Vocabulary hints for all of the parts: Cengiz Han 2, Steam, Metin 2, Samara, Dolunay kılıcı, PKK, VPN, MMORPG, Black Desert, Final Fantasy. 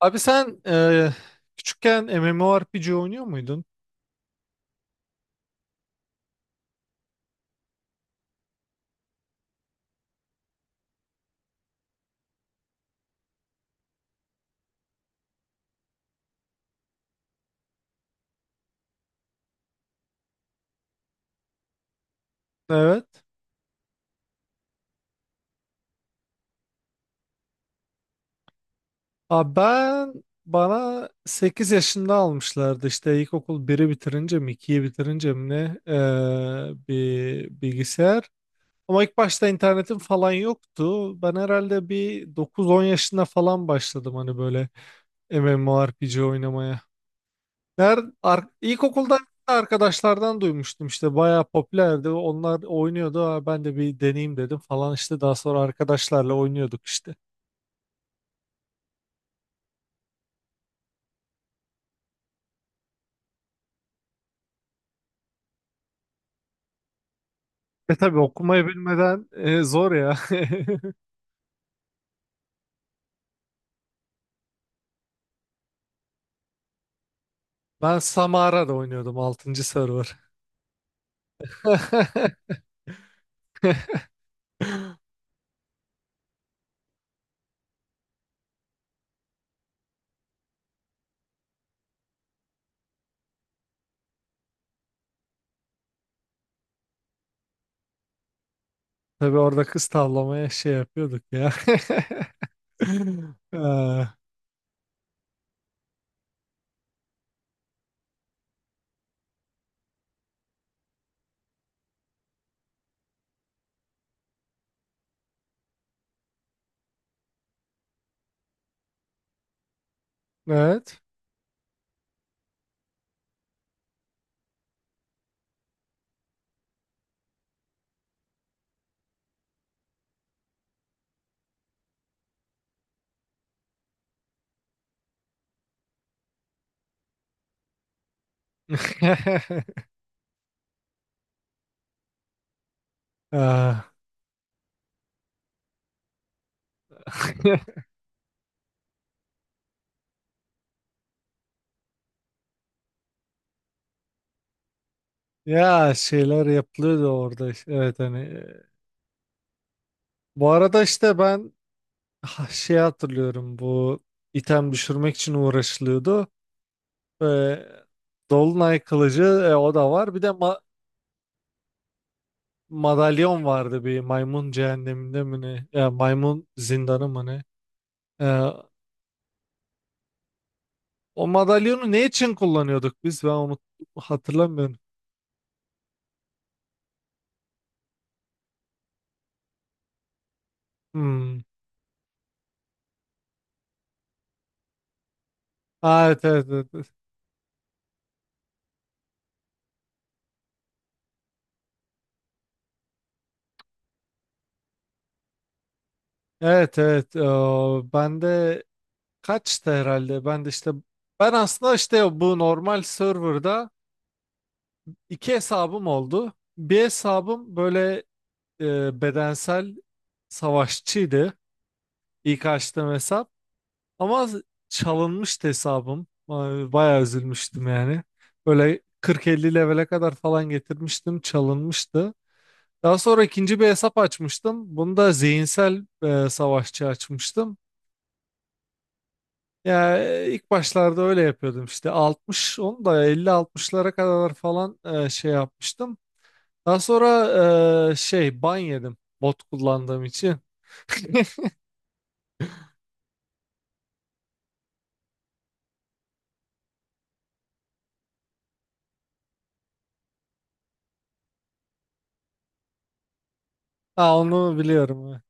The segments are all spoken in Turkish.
Abi sen küçükken MMORPG oynuyor muydun? Evet. Abi, bana 8 yaşında almışlardı işte ilkokul biri bitirince mi 2'yi bitirince mi ne bir bilgisayar. Ama ilk başta internetim falan yoktu. Ben herhalde bir dokuz on yaşında falan başladım hani böyle MMORPG oynamaya. Nerede, ilkokulda arkadaşlardan duymuştum işte bayağı popülerdi. Onlar oynuyordu. "Aa, ben de bir deneyeyim dedim falan işte, daha sonra arkadaşlarla oynuyorduk işte." E tabii okumayı bilmeden zor ya. Ben Samara'da oynuyordum, 6. server. Tabii orada kız tavlamaya şey yapıyorduk ya. Ee, Evet. Ee, Ya şeyler yapılıyordu orada işte. Evet, hani. Bu arada işte ben, Ha, şey, hatırlıyorum bu item düşürmek için uğraşılıyordu. Ee, Dolunay kılıcı, o da var. Bir de madalyon vardı bir maymun cehenneminde mi ne? Ya, maymun zindanı mı ne? Ee, O madalyonu ne için kullanıyorduk biz? Ben onu hatırlamıyorum. Hmm. Ha, evet evet evet. Evet evet, evet. Ben de kaçtı herhalde. Ben de işte, ben aslında işte bu normal serverda iki hesabım oldu. Bir hesabım böyle bedensel savaşçıydı. İlk açtığım hesap. Ama çalınmıştı hesabım. Ay, bayağı üzülmüştüm yani. Böyle 40-50 levele kadar falan getirmiştim. Çalınmıştı. Daha sonra ikinci bir hesap açmıştım. Bunu da zihinsel savaşçı açmıştım. Ya ilk başlarda öyle yapıyordum işte, 60 onu da 50-60'lara kadar falan şey yapmıştım. Daha sonra şey, ban yedim bot kullandığım için. Aa, onu biliyorum.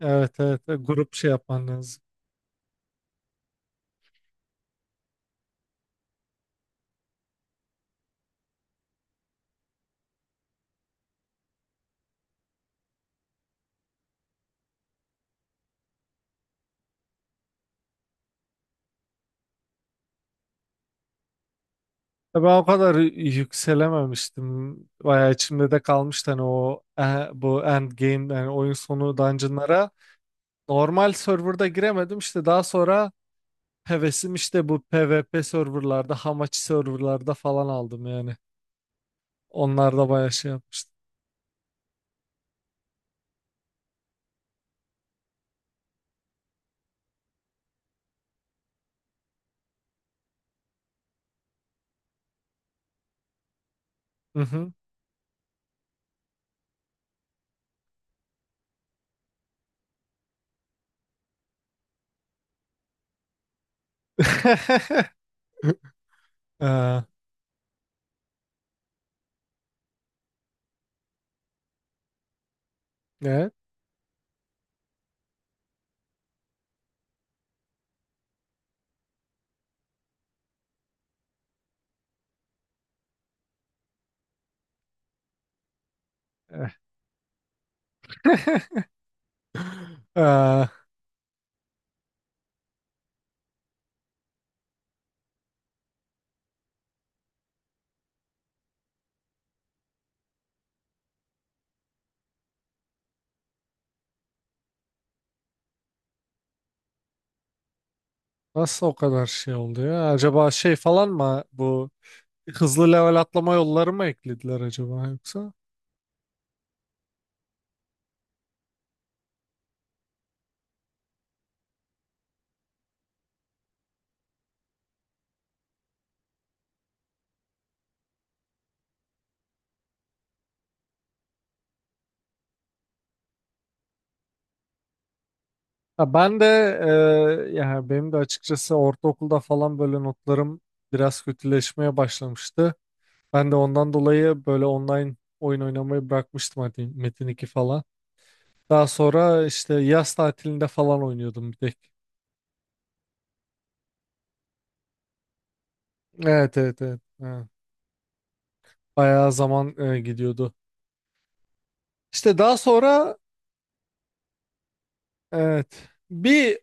Evet evet evet, evet. Grup şey yapman lazım. Ya ben o kadar yükselememiştim. Bayağı içimde de kalmıştı hani o bu end game, yani oyun sonu dungeonlara. Normal serverda giremedim işte, daha sonra hevesim işte bu PvP serverlarda, hamachi serverlarda falan aldım yani. Onlar da bayağı şey yapmıştı. Hı hı. Ee, evet. Eh, ee, nasıl o kadar şey oldu ya? Acaba şey falan mı bu, hızlı level atlama yolları mı eklediler acaba yoksa? Ha, ben de yani benim de açıkçası ortaokulda falan böyle notlarım biraz kötüleşmeye başlamıştı. Ben de ondan dolayı böyle online oyun oynamayı bırakmıştım hadi Metin 2 falan. Daha sonra işte yaz tatilinde falan oynuyordum bir tek. Evet evet evet. Ha, bayağı zaman gidiyordu. İşte daha sonra evet. Bir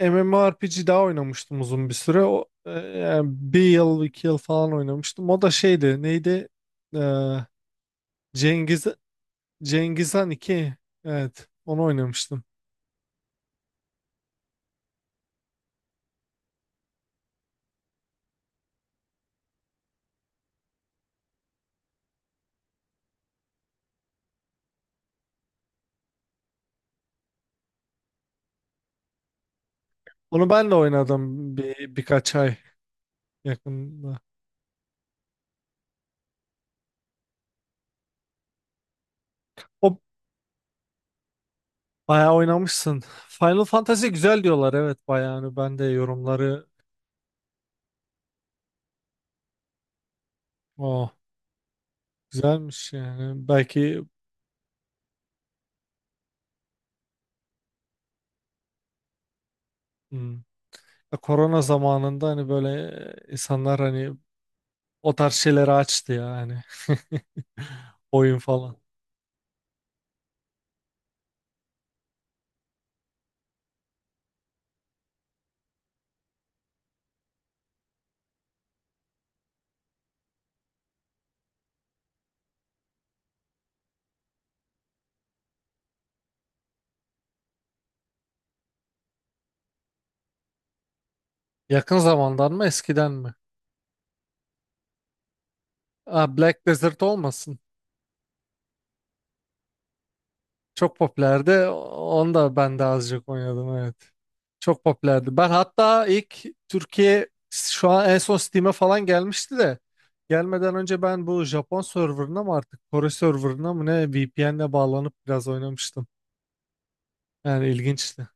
MMORPG daha oynamıştım uzun bir süre. O, yani bir yıl, iki yıl falan oynamıştım. O da şeydi, neydi? Ee, Cengiz, Cengiz Han 2. Evet, onu oynamıştım. Onu ben de oynadım bir, birkaç ay yakında. O bayağı oynamışsın. Final Fantasy güzel diyorlar. Evet, bayağı. Hani ben de yorumları o güzelmiş yani. Belki hmm, korona zamanında hani böyle insanlar hani o tarz şeyleri açtı ya hani. Oyun falan. Yakın zamandan mı eskiden mi? Aa, Black Desert olmasın. Çok popülerdi. Onu da ben de azıcık oynadım, evet. Çok popülerdi. Ben hatta ilk Türkiye şu an en son Steam'e falan gelmişti de, gelmeden önce ben bu Japon serverına mı artık Kore serverına mı ne VPN'le bağlanıp biraz oynamıştım. Yani ilginçti.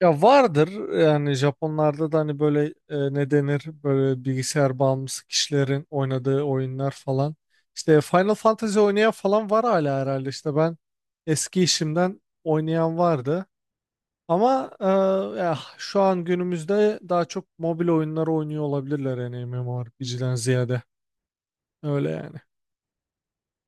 Ya vardır yani, Japonlarda da hani böyle ne denir, böyle bilgisayar bağımlısı kişilerin oynadığı oyunlar falan. İşte Final Fantasy oynayan falan var hala herhalde, işte ben eski işimden oynayan vardı. Ama ya şu an günümüzde daha çok mobil oyunları oynuyor olabilirler yani, MMORPG'den ziyade öyle yani.